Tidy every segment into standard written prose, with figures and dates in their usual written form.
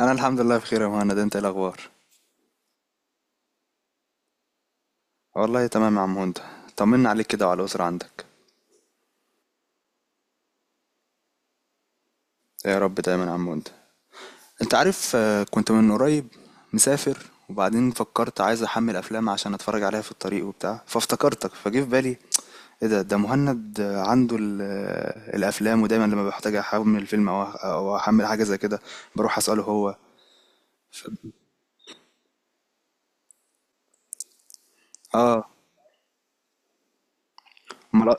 انا الحمد لله بخير يا مهند. انت إيه الاخبار؟ والله تمام يا عم هند. طمنا عليك كده وعلى الاسره عندك. يا رب دايما يا عم هند. انت عارف، كنت من قريب مسافر. وبعدين فكرت عايز احمل افلام عشان اتفرج عليها في الطريق وبتاع، فافتكرتك فجه في بالي. ايه ده مهند، عنده الافلام. ودايما لما بحتاج احمل فيلم او احمل حاجه زي كده، بروح اساله هو. اه. امال.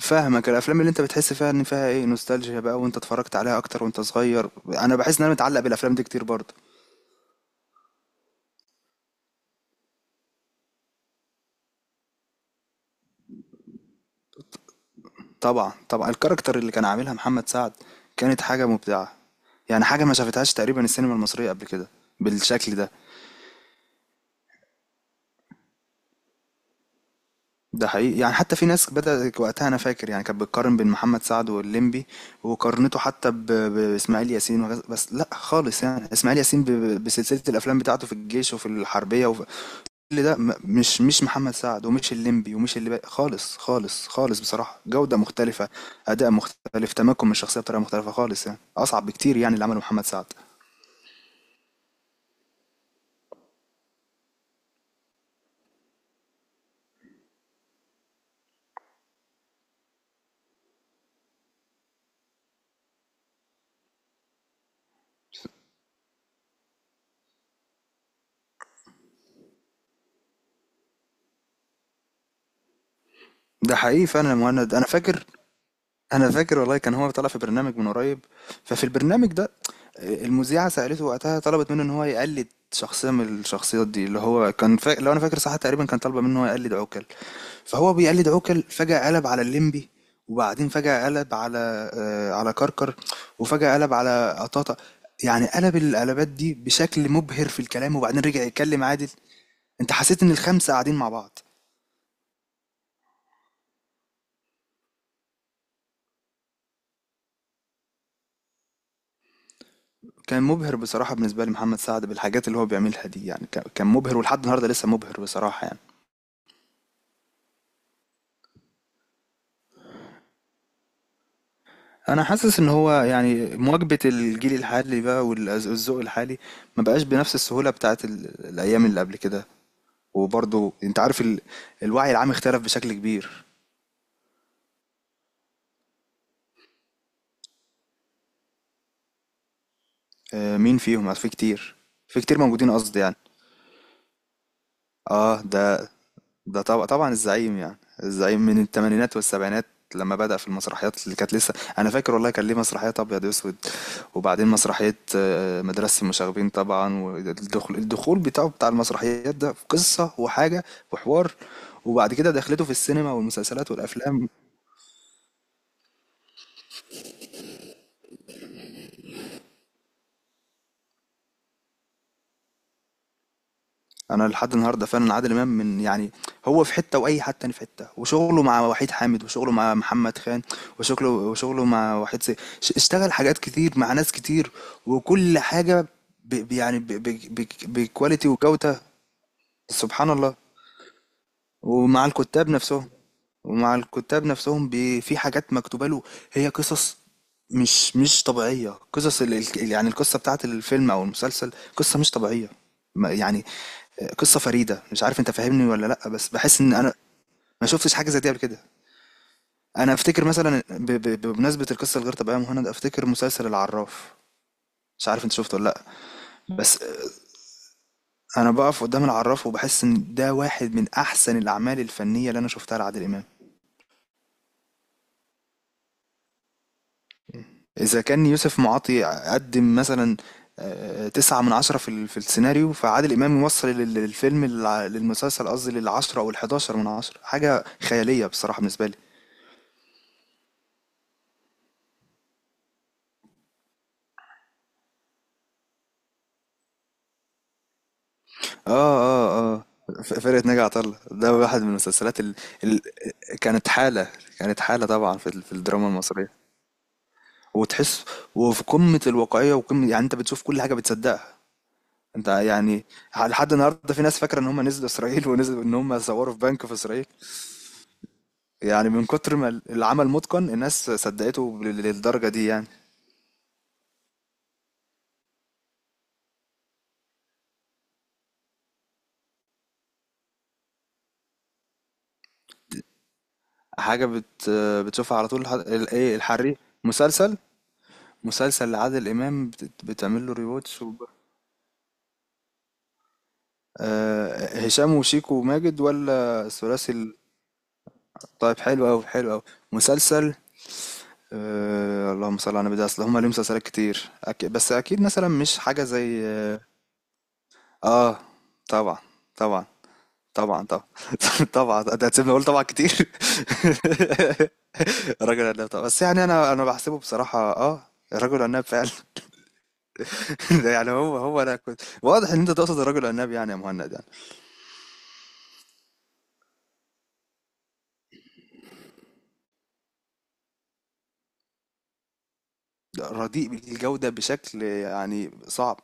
فاهمك، الأفلام اللي أنت بتحس فيها إن فيها إيه، نوستالجيا بقى، وأنت اتفرّجت عليها أكتر وأنت صغير، أنا باحس إن أنا متعلّق بالأفلام دي كتير برضه. طبعًا، طبعًا، الكاركتر اللي كان عاملها محمد سعد كانت حاجة مبدعة، يعني حاجة ما شافتهاش تقريبًا السينما المصرية قبل كده بالشكل ده. ده حقيقي، يعني حتى في ناس بدأت وقتها، أنا فاكر يعني كانت بتقارن بين محمد سعد واللمبي، وقارنته حتى بإسماعيل ياسين. وغير بس لأ خالص يعني، إسماعيل ياسين بسلسلة الأفلام بتاعته في الجيش وفي الحربية، وف اللي ده م- مش محمد سعد، ومش الليمبي، ومش اللي بقى خالص خالص خالص. بصراحة جودة مختلفة، أداء مختلف، تمكن من الشخصية بطريقة مختلفة خالص، يعني أصعب بكتير يعني اللي عمله محمد سعد. ده حقيقي فعلا يا مهند. أنا فاكر والله كان هو طالع في برنامج من قريب. ففي البرنامج ده المذيعة سألته وقتها، طلبت منه إن هو يقلد شخصية من الشخصيات دي اللي هو كان لو أنا فاكر صح تقريبا كان طالبة منه إن هو يقلد عوكل. فهو بيقلد عوكل، فجأة قلب على الليمبي، وبعدين فجأة قلب على على كركر، وفجأة قلب على قطاطة. يعني قلب القلبات دي بشكل مبهر في الكلام، وبعدين رجع يتكلم عادل. انت حسيت ان الخمسة قاعدين مع بعض. كان مبهر بصراحة بالنسبة لي محمد سعد بالحاجات اللي هو بيعملها دي، يعني كان مبهر، ولحد النهاردة لسه مبهر بصراحة يعني. انا حاسس ان هو يعني مواكبة الجيل الحالي بقى والذوق الحالي ما بقاش بنفس السهولة بتاعت الايام اللي قبل كده. وبرضو انت عارف، الوعي العام اختلف بشكل كبير. مين فيهم يعني؟ في كتير، في كتير موجودين قصدي يعني. اه. ده طبعا طبعا الزعيم يعني. الزعيم من الثمانينات والسبعينات لما بدأ في المسرحيات، اللي كانت لسه انا فاكر والله كان ليه مسرحيات ابيض واسود. وبعدين مسرحية مدرسة المشاغبين طبعا، والدخول، الدخول بتاعه بتاع المسرحيات ده في قصة وحاجة وحوار. وبعد كده دخلته في السينما والمسلسلات والافلام. انا لحد النهارده فعلا عادل امام من يعني، هو في حته واي حد تاني في حته. وشغله مع وحيد حامد، وشغله مع محمد خان، وشغله مع وحيد اشتغل حاجات كتير مع ناس كتير. وكل حاجه ب ب- يعني ب- ب- ب- بكواليتي وجوده. سبحان الله. ومع الكتاب نفسهم ومع الكتاب نفسهم في حاجات مكتوبه له. هي قصص مش طبيعيه، قصص يعني القصه بتاعت الفيلم او المسلسل قصه مش طبيعيه. يعني قصة فريدة، مش عارف انت فاهمني ولا لأ، بس بحس ان انا ما شفتش حاجة زي دي قبل كده. انا افتكر مثلا بمناسبة القصة الغير طبيعية يا مهند، افتكر مسلسل العراف. مش عارف انت شفته ولا لأ، بس انا بقف قدام العراف وبحس ان ده واحد من احسن الاعمال الفنية اللي انا شفتها لعادل امام. اذا كان يوسف معاطي قدم مثلا 9 من 10 في في السيناريو، فعادل إمام يوصل للفيلم للمسلسل قصدي، للـ10 أو 11 من 10، حاجة خيالية بصراحة بالنسبة لي. اه اه اه. فرقة ناجي عطا الله ده واحد من المسلسلات ال... كانت حالة كانت حالة طبعا في الدراما المصرية. وتحس، وفي قمة الواقعية وقمة، يعني انت بتشوف كل حاجة بتصدقها انت يعني. لحد النهارده في ناس فاكرة ان هم نزلوا اسرائيل ونزلوا ان هم صوروا في بنك في اسرائيل. يعني من كتر ما العمل متقن الناس صدقته للدرجة دي يعني. حاجة بتشوفها على طول، ايه، الحريق. مسلسل مسلسل لعادل امام بتعمل له ريواتش. هشام وشيكو وماجد، ولا الثلاثي طيب، حلو أوي حلو أوي. مسلسل، أه. اللهم صل على النبي، ده اصل هما ليهم مسلسلات كتير، بس اكيد مثلا مش حاجه زي. اه. طبعا. طبعا. طبعا طبعا طبعا، ده هتسيبني اقول طبعا كتير رجل عناب طبعا، بس يعني انا بحسبه بصراحه اه. رجل عناب فعلا. ده يعني هو انا كنت واضح ان انت تقصد الرجل عناب يعني يا مهند يعني. رديء بالجوده بشكل يعني صعب.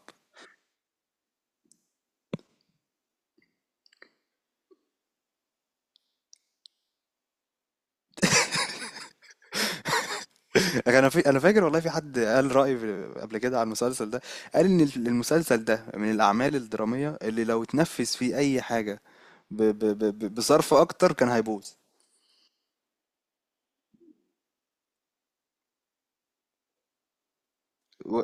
انا فاكر والله، في حد قال رأي قبل كده على المسلسل ده. قال ان المسلسل ده من الاعمال الدرامية اللي لو اتنفذ فيه اي حاجة بصرف اكتر كان هيبوظ. و...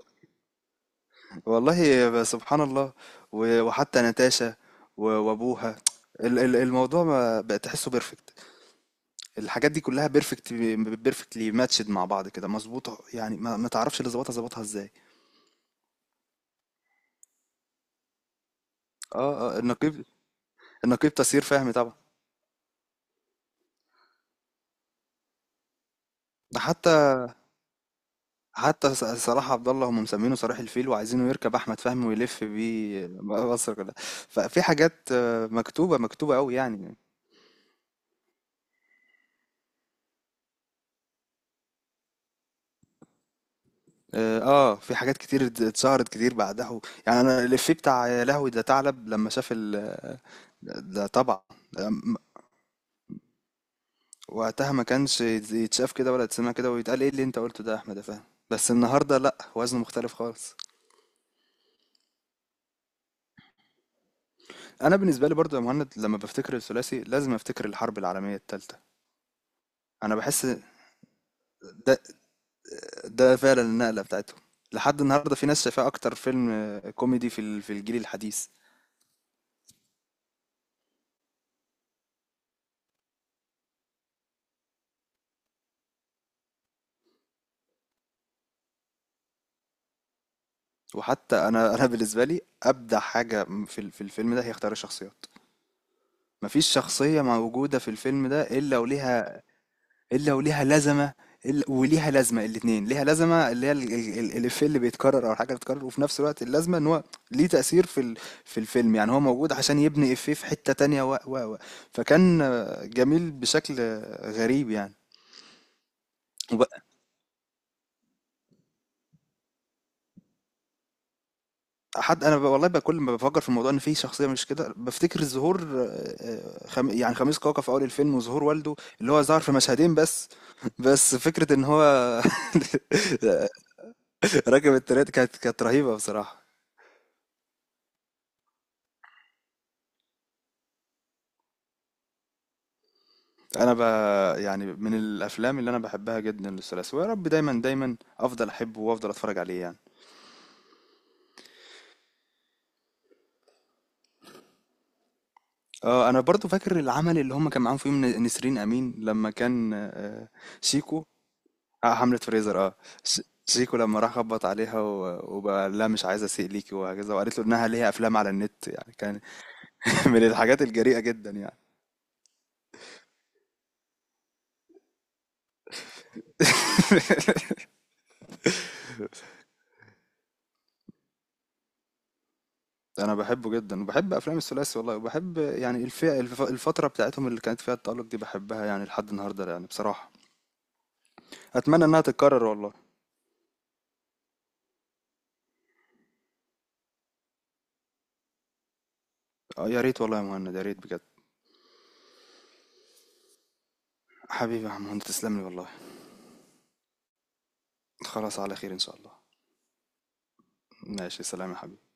والله سبحان الله. وحتى نتاشا وابوها، الموضوع ما بقى تحسه بيرفكت. الحاجات دي كلها بيرفكت بيرفكتلي، ماتشد مع بعض كده مظبوطة يعني، ما تعرفش اللي ظبطها ازاي. اه اه النقيب. النقيب تسيير فهمي طبعا. حتى صلاح عبد الله هم مسمينه صلاح الفيل وعايزينه يركب احمد فهمي ويلف بيه مصر كلها. ففي حاجات مكتوبه مكتوبه قوي يعني. اه. في حاجات كتير اتشهرت كتير بعدها. يعني انا الإفيه بتاع يا لهوي ده ثعلب لما شاف ال. ده طبعا. ده م- وقتها ما كانش يتشاف كده ولا يتسمع كده ويتقال ايه اللي انت قلته ده يا احمد يا فهمي. بس النهارده لا، وزنه مختلف خالص. انا بالنسبه لي برضو يا مهند، لما بفتكر الثلاثي لازم افتكر الحرب العالميه الثالثه. انا بحس ده ده فعلا النقلة بتاعتهم. لحد النهاردة في ناس شايفاه أكتر فيلم كوميدي في في الجيل الحديث. وحتى أنا أنا بالنسبة لي أبدع حاجة في في الفيلم ده هي اختيار الشخصيات. مفيش شخصية موجودة في الفيلم ده إلا وليها، إلا وليها لازمة، إلا وليها لازمة، الاتنين ليها لازمة. اللي هي الإفيه اللي بيتكرر، أو الحاجة اللي بتتكرر، وفي نفس الوقت اللازمة إن هو ليه تأثير في في الفيلم، يعني هو موجود عشان يبني إفيه في حتة تانية، و و و فكان جميل بشكل غريب يعني. حد، انا والله بقى كل ما بفكر في الموضوع ان في شخصيه مش كده، بفتكر ظهور يعني خميس كاكا في اول الفيلم، وظهور والده اللي هو ظهر في مشهدين بس. بس فكره ان هو راكب التريات، كانت رهيبه بصراحه. انا يعني من الافلام اللي انا بحبها جدا للثلاثي، ويا رب دايما دايما افضل احبه وافضل اتفرج عليه يعني. اه انا برضو فاكر العمل اللي هم كان معاهم فيه نسرين امين لما كان شيكو. آه، حملة فريزر اه. ش- شيكو لما راح خبط عليها وبقى لا مش عايز اسيء ليكي، وهكذا. وقالت له انها ليها افلام على النت، يعني كان من الحاجات الجريئة جدا يعني. انا بحبه جدا وبحب افلام الثلاثي والله، وبحب يعني الفئة الفترة بتاعتهم اللي كانت فيها التألق دي بحبها يعني لحد النهاردة يعني بصراحة. اتمنى انها تتكرر والله. آه يا ريت والله يا مهند، يا ريت بجد. حبيبي يا عم مهند، تسلم لي والله. خلاص، على خير ان شاء الله. ماشي، سلام يا حبيبي.